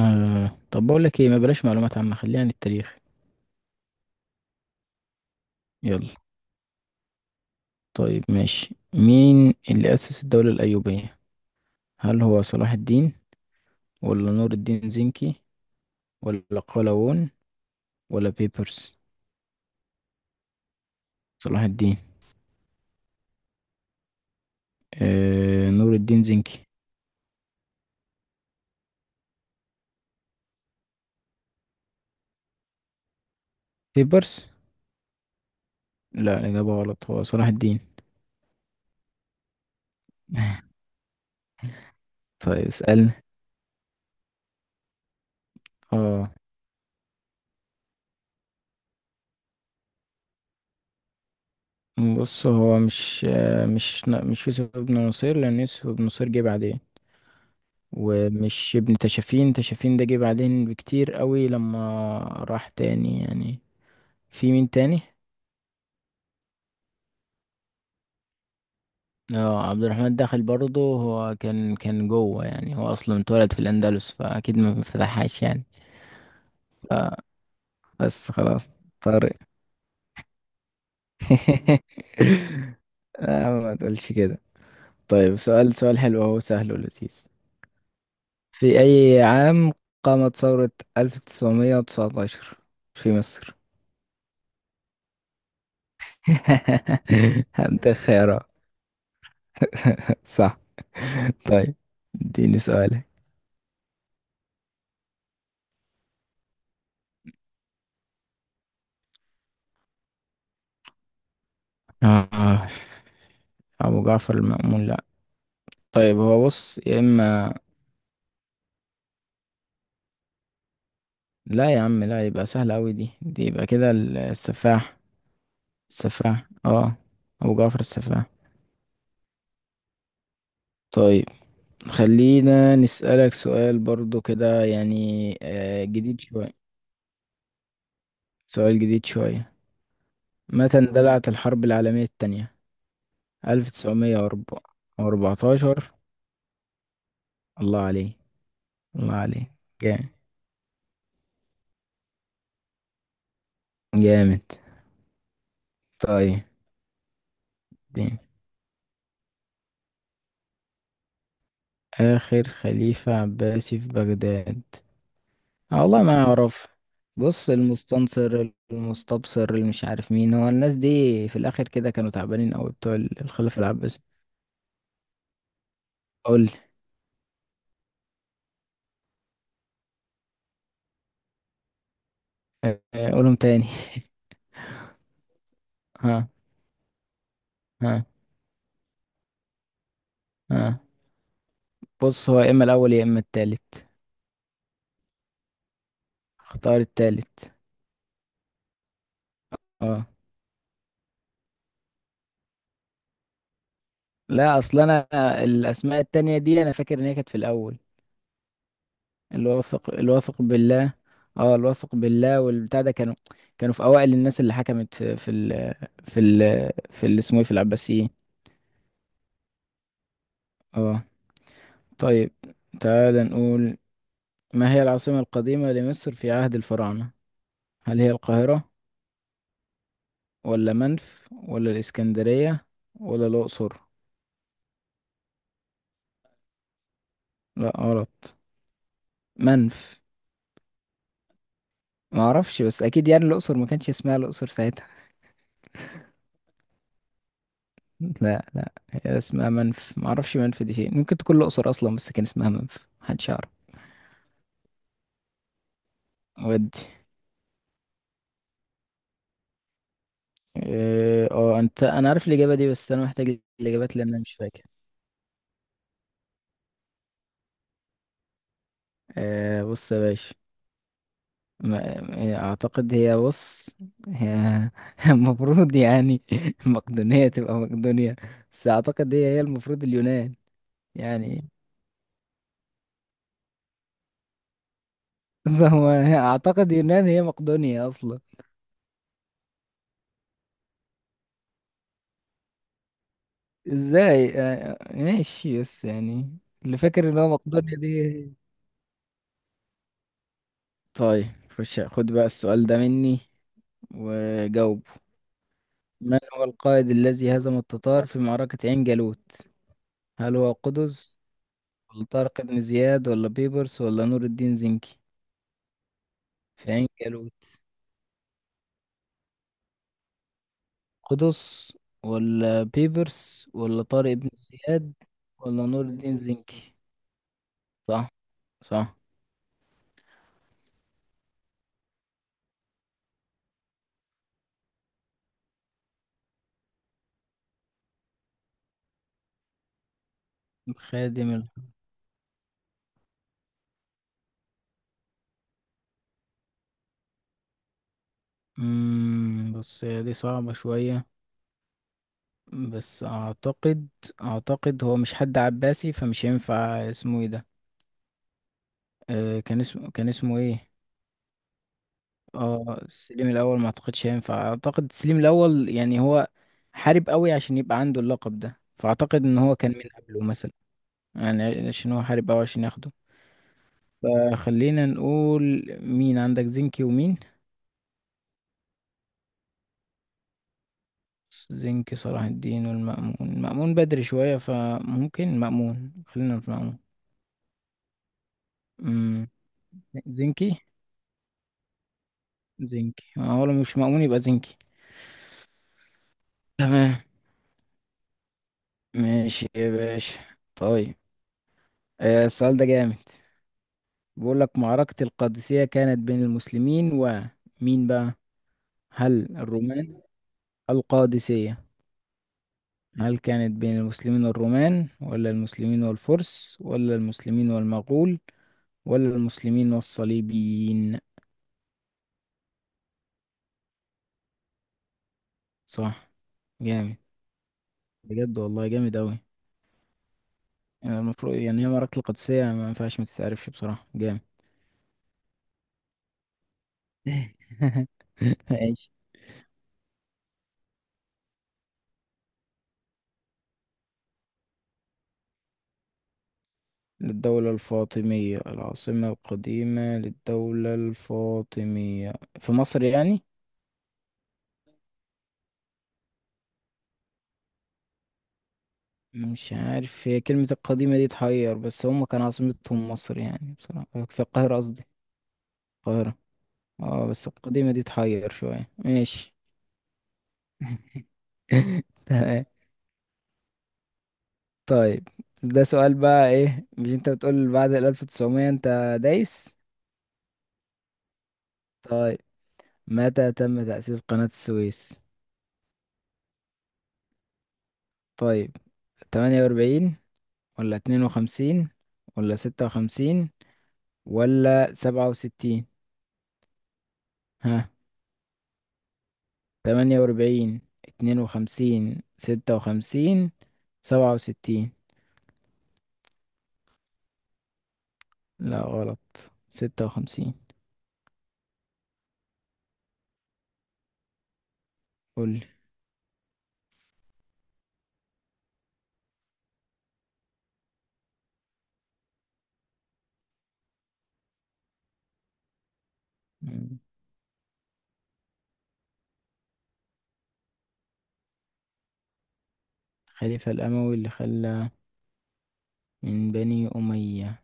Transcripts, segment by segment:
آه. طب بقول لك ايه، ما بلاش معلومات عامة، خلينا عن التاريخ. يلا. طيب ماشي، مين اللي أسس الدولة الأيوبية؟ هل هو صلاح الدين، ولا نور الدين زنكي، ولا قلاوون، ولا بيبرس؟ صلاح الدين. آه. نور الدين زنكي. بيبرس. لا، الإجابة غلط، هو صلاح الدين. طيب اسألني. اه بص، هو مش آه، مش مش يوسف بن نصير، لأن يوسف بن نصير جه بعدين. ومش ابن تشافين ده جه بعدين بكتير قوي لما راح تاني يعني. في مين تاني؟ اه، عبد الرحمن داخل برضه هو كان جوه يعني. هو اصلا اتولد في الاندلس، فاكيد ما فتحهاش يعني. بس خلاص، طارق. آه، ما تقولش كده. طيب سؤال، سؤال حلو اهو سهل ولذيذ. في اي عام قامت ثورة 1919 في مصر؟ هدي خيارات. صح. طيب، اديني سؤالك. آه، أبو جعفر المأمون لأ. طيب هو بص يا إما، لا يا عم لا، يبقى سهلة أوي، دي يبقى كده السفاح. السفاح، اه. أبو جعفر السفاح. طيب خلينا نسألك سؤال برضو كده يعني، جديد شوية. سؤال جديد شوية. متى اندلعت الحرب العالمية التانية؟ ألف تسعمية وأربعتاشر. الله عليه. الله عليه، جامد جامد. طيب، دي. آخر خليفة عباسي في بغداد. آه والله ما أعرف. بص، المستنصر، المستبصر، اللي مش عارف مين هو، الناس دي في الآخر كده كانوا تعبانين أوي، بتوع الخلافة العباسي. قول. آه، قولهم تاني. ها. ها. ها. بص، هو يا إما الأول يا إما التالت. اختار التالت. اه، لا أصل أنا الأسماء التانية دي أنا فاكر إن هي كانت في الأول. الواثق، الواثق بالله. اه، الواثق بالله والبتاع ده كانوا كانوا في اوائل الناس اللي حكمت في في ال في ال في اللي اسمه ايه، في العباسيين. اه. طيب تعال نقول، ما هي العاصمة القديمة لمصر في عهد الفراعنة؟ هل هي القاهرة، ولا منف، ولا الإسكندرية، ولا الأقصر؟ لا غلط. منف. ما اعرفش، بس اكيد يعني الاقصر ما كانش اسمها الاقصر ساعتها. لا لا، هي اسمها منف. ما اعرفش منف دي فين، ممكن تكون الاقصر اصلا بس كان اسمها منف، محدش يعرف. ودي. اه، انا عارف الاجابه دي، بس انا محتاج الاجابات لان انا مش فاكر. أه بص يا باشا، اعتقد هي، بص، هي المفروض يعني مقدونيه تبقى مقدونيا. بس اعتقد هي المفروض اليونان. يعني هو اعتقد يونان هي مقدونيا اصلا. ازاي؟ ماشي بس يعني اللي فاكر ان هو مقدونيا دي. طيب خش، خد بقى السؤال ده مني وجاوب. من هو القائد الذي هزم التتار في معركة عين جالوت؟ هل هو قطز، ولا طارق بن زياد، ولا بيبرس، ولا نور الدين زنكي؟ في عين جالوت. قطز، ولا بيبرس، ولا طارق بن زياد، ولا نور الدين زنكي. صح، صح. خادم ال... بص، هي دي صعبة شوية. بس أعتقد هو مش حد عباسي، فمش هينفع اسمه ايه ده. أه، كان اسمه ايه. اه، السليم الاول ما اعتقدش هينفع. اعتقد السليم الاول يعني هو حارب قوي عشان يبقى عنده اللقب ده، فاعتقد ان هو كان من قبله مثلا. يعني عشان هو حارب قوي عشان ياخده. فخلينا نقول، مين عندك؟ زنكي ومين؟ زنكي، صلاح الدين، والمأمون. المأمون بدري شوية، فممكن مأمون، خلينا في مأمون. امم زنكي. زنكي، هو لو مش مأمون يبقى زنكي. تمام. ماشي يا باشا. طيب، السؤال ده جامد. بيقول لك معركة القادسية كانت بين المسلمين ومين بقى؟ هل الرومان؟ القادسية. هل كانت بين المسلمين والرومان، ولا المسلمين والفرس، ولا المسلمين والمغول، ولا المسلمين والصليبيين؟ صح. جامد. بجد والله جامد أوي. يعني المفروض يعني هي معركة القادسية ما ينفعش ما تتعرفش بصراحة، جامد. ماشي. للدولة الفاطمية، العاصمة القديمة للدولة الفاطمية في مصر يعني. مش عارف، هي كلمة القديمة دي تحير، بس هم كان عاصمتهم مصر يعني، بصراحة في القاهرة قصدي. القاهرة. اه بس القديمة دي تحير شوية. ماشي. تمام. طيب، ده سؤال بقى ايه، مش انت بتقول بعد ال 1900 انت دايس؟ طيب، متى تم تأسيس قناة السويس؟ طيب، 48 ولا 52 ولا 56 ولا 67؟ تمانية وأربعين، اتنين وخمسين، ستة وخمسين، سبعة وستين. لا غلط، ستة وخمسين. قولي. مم. الخليفة الأموي اللي خلى، من بني أمية.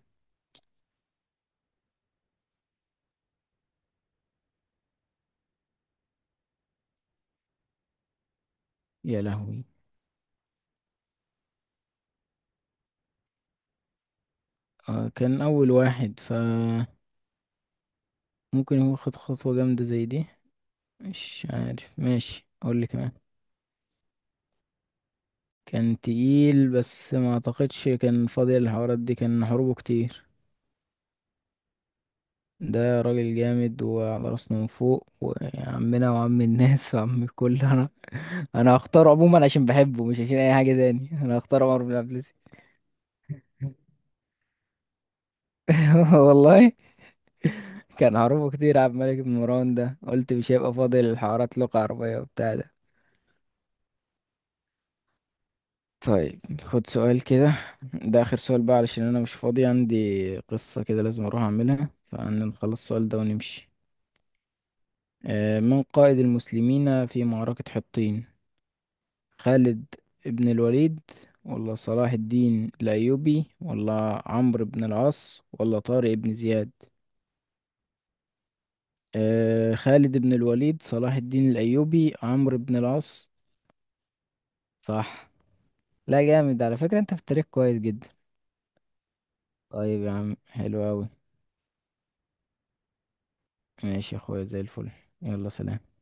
يا لهوي. آه كان أول واحد، فممكن هو خد خطوة جامدة زي دي. مش عارف، ماشي قولي كمان. كان تقيل، بس ما أعتقدش كان فاضي الحوارات دي، كان حروبه كتير. ده راجل جامد، وعلى راسنا من فوق وعمنا وعم الناس وعم الكل. انا هختاره عموما عشان بحبه، مش عشان اي حاجه تاني، انا هختار عمر بن عبد العزيز. والله. كان عروضه كتير عبد الملك بن مروان ده، قلت مش هيبقى فاضي للحوارات لغة عربية وبتاع ده. طيب خد سؤال كده، ده آخر سؤال بقى علشان أنا مش فاضي، عندي قصة كده لازم أروح أعملها، فنخلص السؤال ده ونمشي. من قائد المسلمين في معركة حطين؟ خالد بن الوليد، ولا صلاح الدين الأيوبي، ولا عمرو بن العاص، ولا طارق بن زياد؟ أه خالد بن الوليد، صلاح الدين الأيوبي، عمرو بن العاص. صح. لا جامد على فكرة، انت في التاريخ كويس جدا. طيب يا عم، حلو أوي. ماشي يا اخويا، زي الفل. يلا سلام.